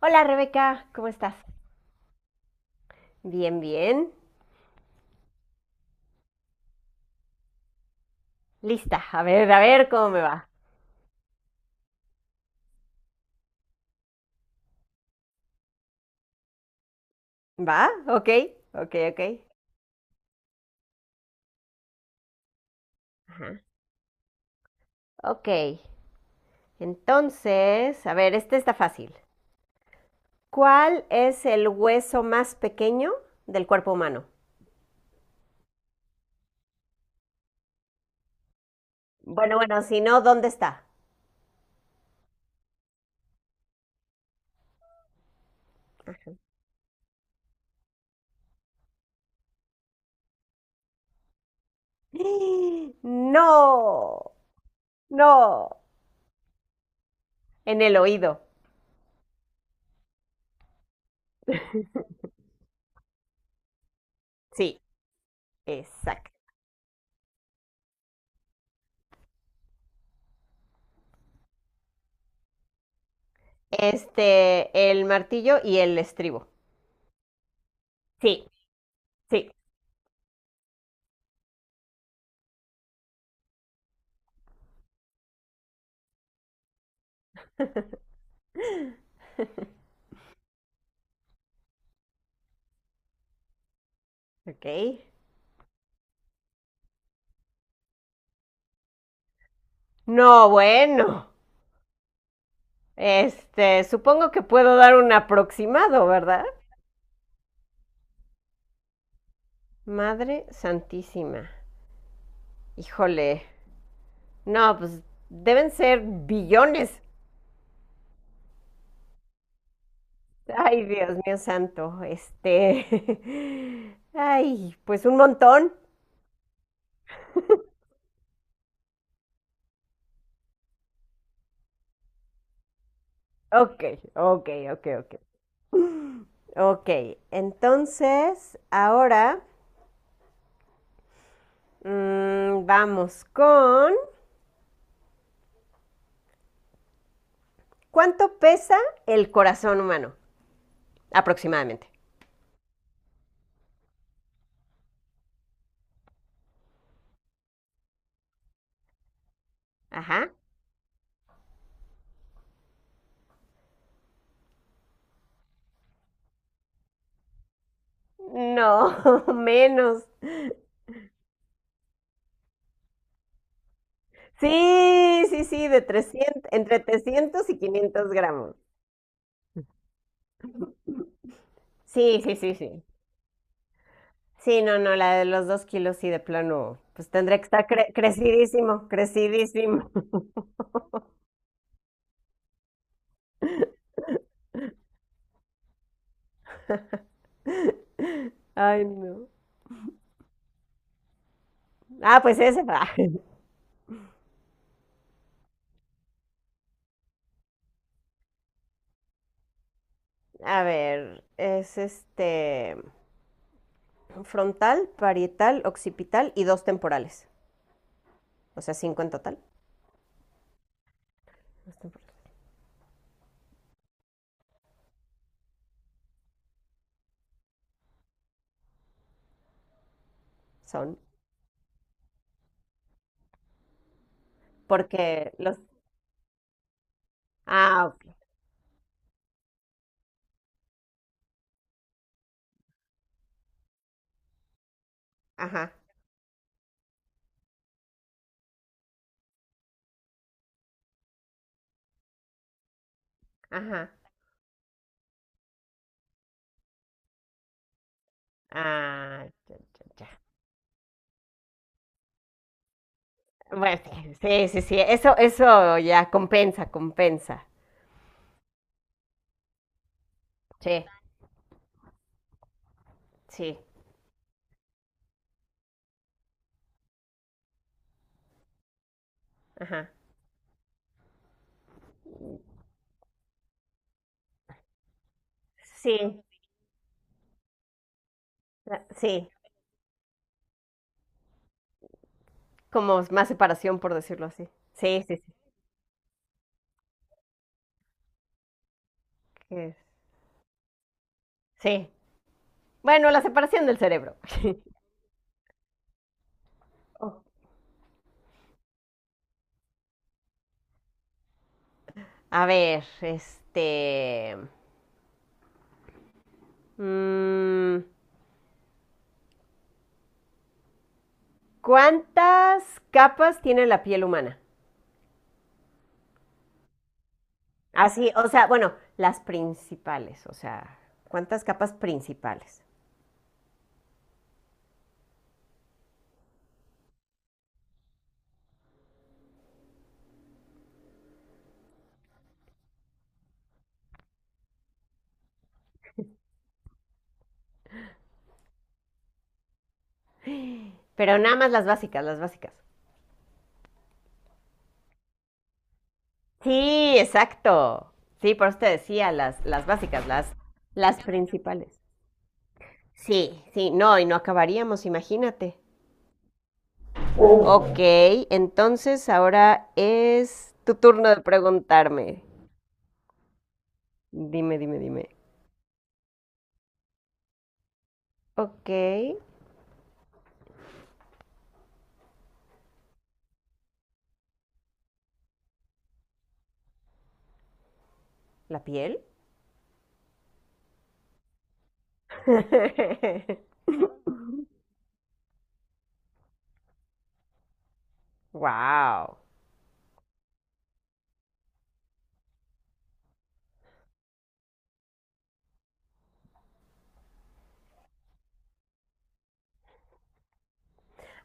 Hola Rebeca, ¿cómo estás? Bien, bien. Lista. A ver cómo me va. ¿Va? Ok, ok, ok. Ajá. Ok. Entonces, a ver, está fácil. ¿Cuál es el hueso más pequeño del cuerpo humano? Bueno, bueno, si no, ¿dónde está? No, no. En el oído. Sí, exacto. Este, el martillo y el estribo. Sí, sí. Ok. No, bueno. Supongo que puedo dar un aproximado, ¿verdad? Madre Santísima. Híjole. No, pues deben ser billones. Ay, Dios mío santo. Ay, pues un montón. Ok, ok, ok, ok. Ok, entonces ahora vamos con ¿cuánto pesa el corazón humano? Aproximadamente. Ajá. No, menos. Sí, sí, sí, de 300 entre 300 y 500 gramos. Sí, sí, sí, sí. Sí, no, no, la de los 2 kilos sí, de plano, pues tendría que estar crecidísimo, crecidísimo. Ay, no. Ah, pues ese va. A ver, es frontal, parietal, occipital y dos temporales. O sea, cinco en total. Dos temporales. Son. Porque los... Ah, ok. Ajá, ajá. Ah, ya, ya, ya. Bueno, sí, sí, sí, sí, eso ya compensa, compensa. Sí, sí, ajá. Sí, sí. Como más separación, por decirlo así. Sí, sí, sí. que- Sí. Bueno, la separación del cerebro. Oh. A ver, mm, ¿cuántas capas tiene la piel humana? Así, o sea, bueno, las principales, o sea, ¿cuántas capas principales? Pero nada más las básicas, las básicas. Sí, exacto. Sí, por eso te decía, las básicas, las principales. Sí, sí, no, y no acabaríamos, imagínate. Ok, entonces ahora es tu turno de preguntarme. Dime, dime, dime. Ok, ¿la piel? Wow.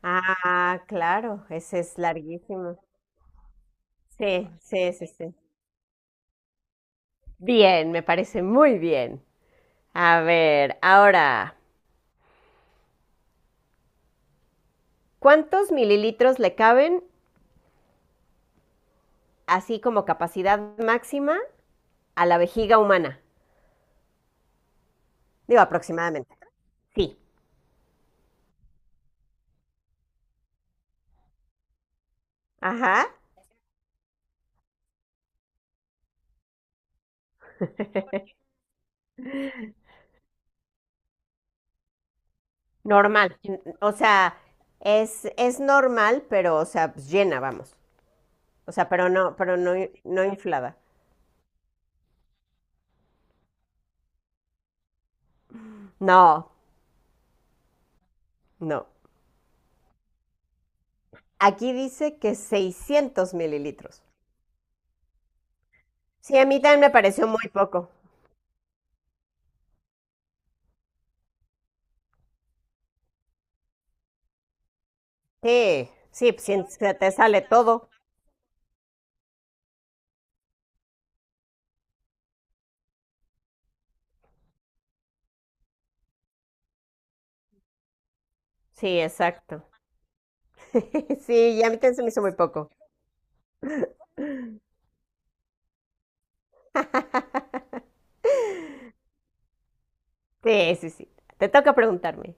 Ah, claro, ese es larguísimo. Sí, sí, sí, sí. Bien, me parece muy bien. A ver, ahora. ¿Cuántos mililitros le caben, así como capacidad máxima, a la vejiga humana? Digo, aproximadamente. Sí, ajá, normal. O sea, es normal, pero, o sea, pues, llena, vamos. O sea, pero no, no inflada. No, no. Aquí dice que 600 mililitros. Sí, a mí también me pareció muy poco. Sí, sí, pues, si se te sale todo. Sí, exacto. Sí, y a mí también se me hizo muy poco. Sí, sí, sí. Te toca preguntarme.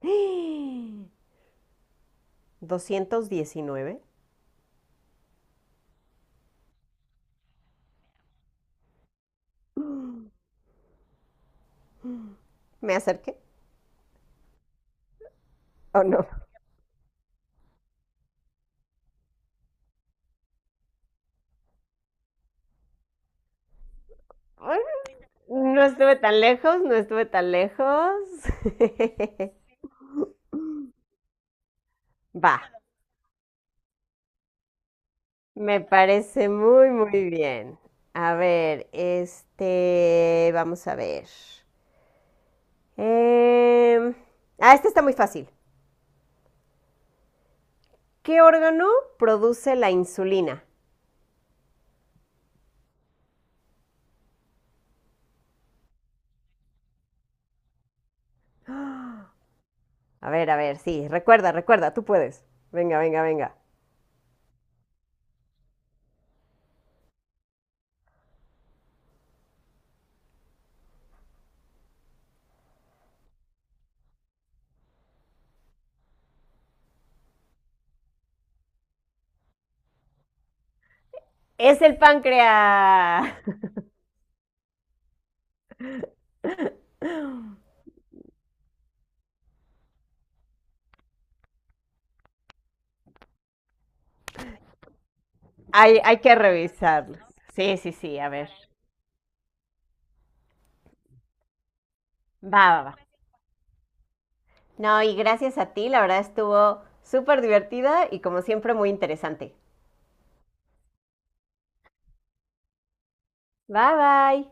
219. ¿Me acerqué o no? No estuve tan lejos, no estuve tan lejos. Va, me parece muy, muy bien. A ver, vamos a ver. Em, este está muy fácil. ¿Qué órgano produce la insulina? A ver, sí, recuerda, recuerda, tú puedes. Venga, venga, venga. Es el páncreas. Hay que revisarlo. Sí, sí, sí, a ver. Va, va, va. No, y gracias a ti, la verdad estuvo súper divertida y como siempre muy interesante. Bye, bye.